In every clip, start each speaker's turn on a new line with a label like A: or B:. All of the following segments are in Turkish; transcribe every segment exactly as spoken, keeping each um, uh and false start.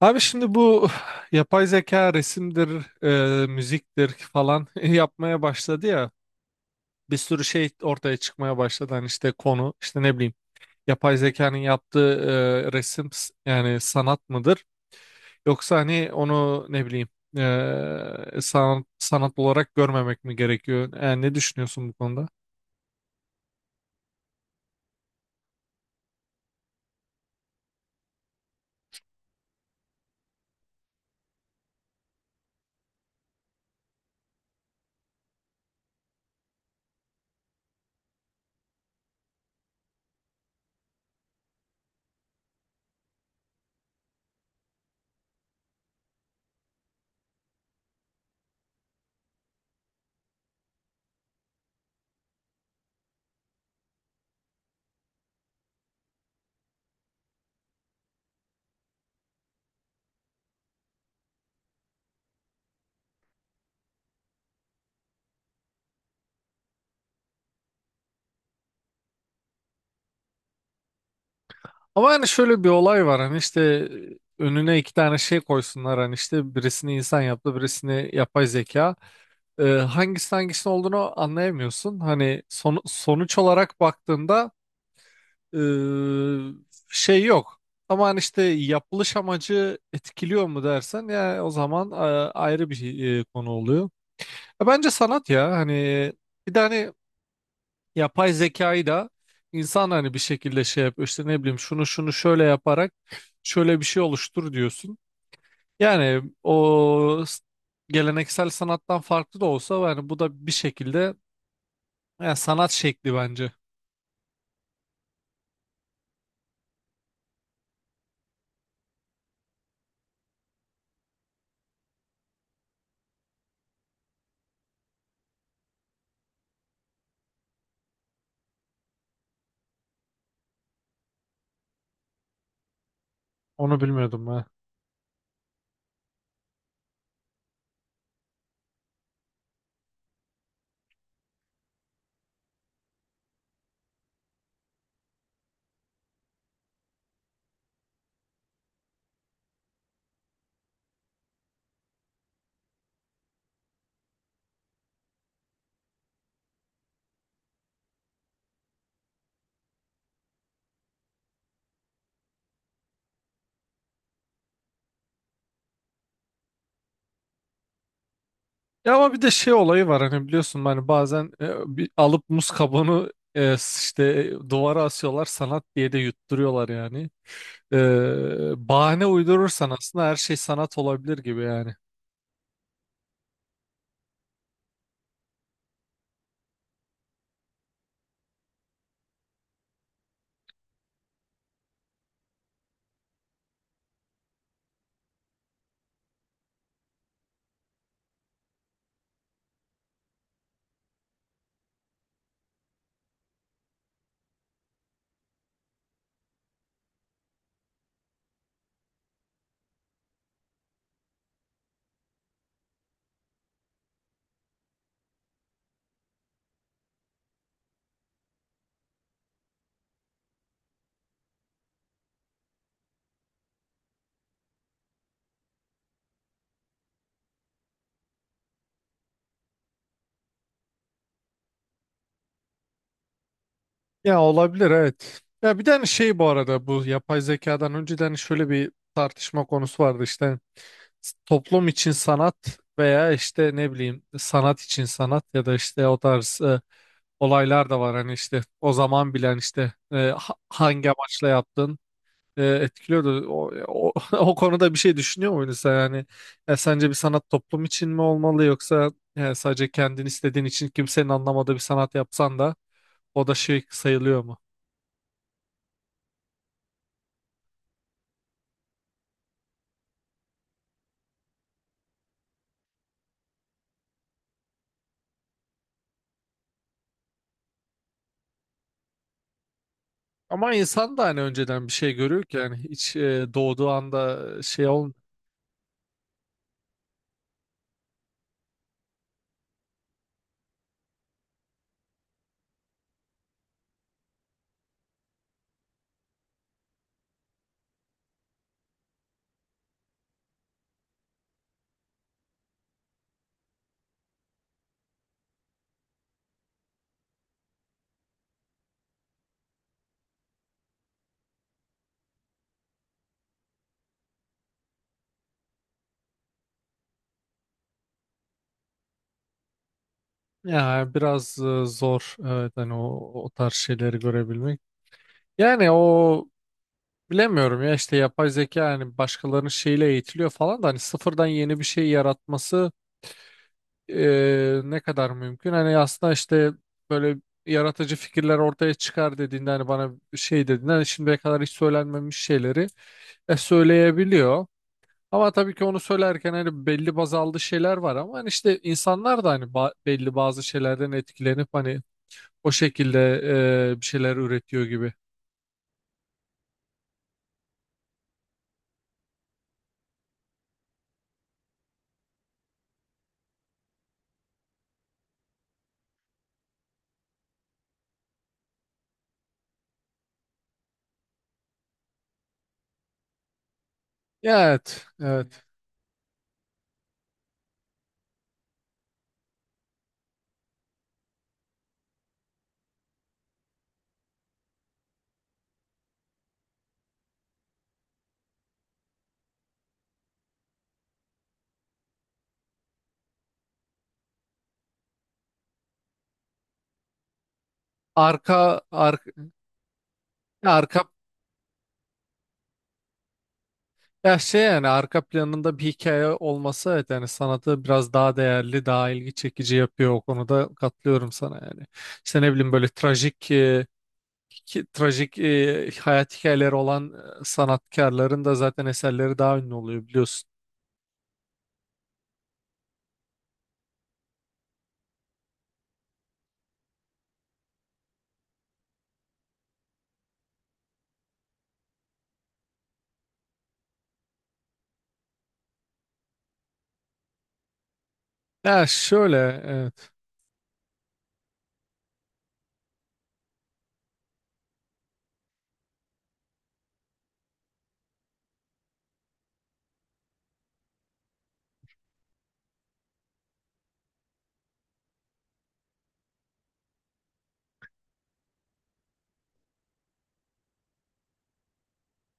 A: Abi şimdi bu yapay zeka resimdir, e, müziktir falan yapmaya başladı ya. Bir sürü şey ortaya çıkmaya başladı. Hani işte konu, işte ne bileyim yapay zekanın yaptığı e, resim s- yani sanat mıdır? Yoksa hani onu ne bileyim e, sanat, sanat olarak görmemek mi gerekiyor? Yani ne düşünüyorsun bu konuda? Ama yani şöyle bir olay var hani işte önüne iki tane şey koysunlar hani işte birisini insan yaptı, birisini yapay zeka. E, hangisi hangisinin olduğunu anlayamıyorsun. Hani son- sonuç olarak baktığında e, şey yok. Ama hani işte yapılış amacı etkiliyor mu dersen ya o zaman e, ayrı bir şey, e, konu oluyor. Ya bence sanat ya hani bir de hani yapay zekayı da insan hani bir şekilde şey yapıyor işte ne bileyim şunu şunu şöyle yaparak şöyle bir şey oluştur diyorsun. Yani o s- geleneksel sanattan farklı da olsa yani bu da bir şekilde, yani sanat şekli bence. Onu bilmiyordum ben. Ya ama bir de şey olayı var hani biliyorsun hani bazen e, bir alıp muz kabuğunu e, s- işte e, duvara asıyorlar sanat diye de yutturuyorlar yani. E, bahane uydurursan aslında her şey sanat olabilir gibi yani. Ya olabilir evet. Ya bir tane şey bu arada bu yapay zekadan önceden hani şöyle bir tartışma konusu vardı işte s- toplum için sanat veya işte ne bileyim sanat için sanat ya da işte o tarz e, olaylar da var hani işte o zaman bilen işte e, ha- hangi amaçla yaptın e, etkiliyordu. O, o, o konuda bir şey düşünüyor muydun sen yani e, sence bir sanat toplum için mi olmalı yoksa e, sadece kendin istediğin için kimsenin anlamadığı bir sanat yapsan da o da şey sayılıyor mu? Ama insan da hani önceden bir şey görüyor ki yani hiç e, doğduğu anda şey ol. Ya biraz e, zor evet hani o, o tarz şeyleri görebilmek. Yani o. Bilemiyorum ya işte yapay zeka yani başkalarının şeyiyle eğitiliyor falan da hani sıfırdan yeni bir şey yaratması e, ne kadar mümkün? Hani aslında işte böyle yaratıcı fikirler ortaya çıkar dediğinde hani bana şey dediğinde hani şimdiye kadar hiç söylenmemiş şeyleri e, söyleyebiliyor. Ama tabii ki onu söylerken hani belli baz aldığı şeyler var ama hani işte insanlar da hani ba- belli bazı şeylerden etkilenip hani o şekilde e, bir şeyler üretiyor gibi. Ya, evet, evet. Arka, arka, arka Ya şey yani arka planında bir hikaye olması evet yani sanatı biraz daha değerli, daha ilgi çekici yapıyor o konuda katılıyorum sana yani. İşte ne bileyim böyle trajik e, ki- trajik e, hayat hikayeleri olan e, sanatkarların da zaten eserleri daha ünlü oluyor biliyorsun. Ya şöyle, evet.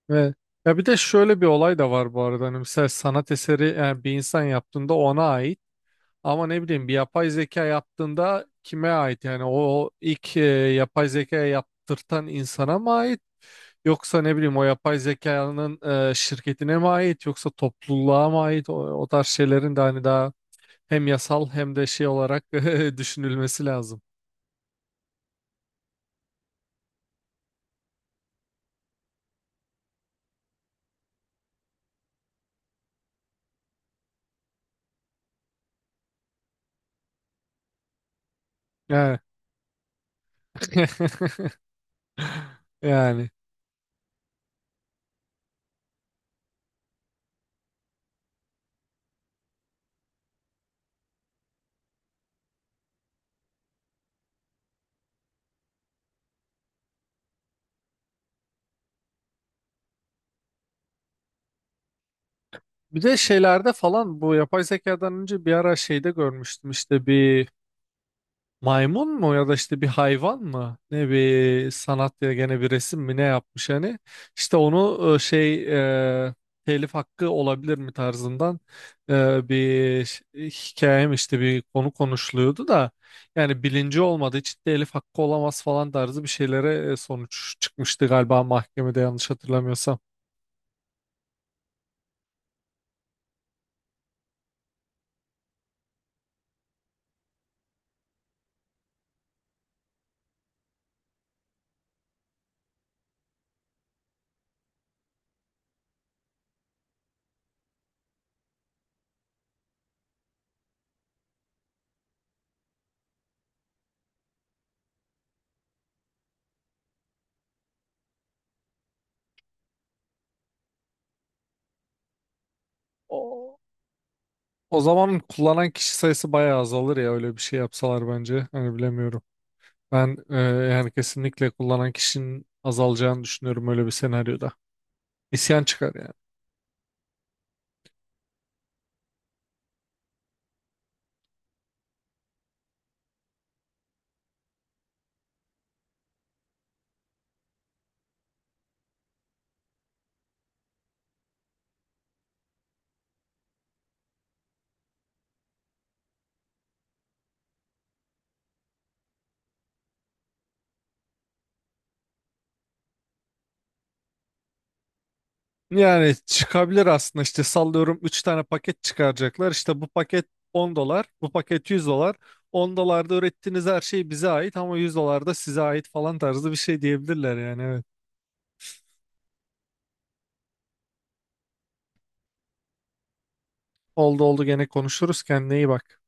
A: ve Ya bir de şöyle bir olay da var bu arada hani mesela sanat eseri yani bir insan yaptığında ona ait. Ama ne bileyim bir yapay zeka yaptığında kime ait? Yani o ilk e, yapay zeka yaptırtan insana mı ait? Yoksa ne bileyim o yapay zekanın e, şirketine mi ait? Yoksa topluluğa mı ait? O, o tarz şeylerin de hani daha hem yasal hem de şey olarak düşünülmesi lazım. Yani. Yani. Bir de şeylerde falan bu yapay zekadan önce bir ara şeyde görmüştüm işte bir maymun mu ya da işte bir hayvan mı? Ne bir sanat ya gene bir resim mi ne yapmış hani? İşte onu e, şey e, telif hakkı olabilir mi tarzından e, bir ş- hikayem işte bir konu konuşuluyordu da yani bilinci olmadığı için telif hakkı olamaz falan tarzı bir şeylere e, sonuç çıkmıştı galiba mahkemede yanlış hatırlamıyorsam. O, o zaman kullanan kişi sayısı bayağı azalır ya öyle bir şey yapsalar bence. Hani bilemiyorum. Ben e, yani kesinlikle kullanan kişinin azalacağını düşünüyorum öyle bir senaryoda. İsyan çıkar yani. Yani çıkabilir aslında işte sallıyorum üç tane paket çıkaracaklar. İşte bu paket on dolar, bu paket yüz dolar. on dolarda ürettiğiniz her şey bize ait ama yüz dolar da size ait falan tarzı bir şey diyebilirler yani evet. Oldu, oldu, gene konuşuruz, kendine iyi bak.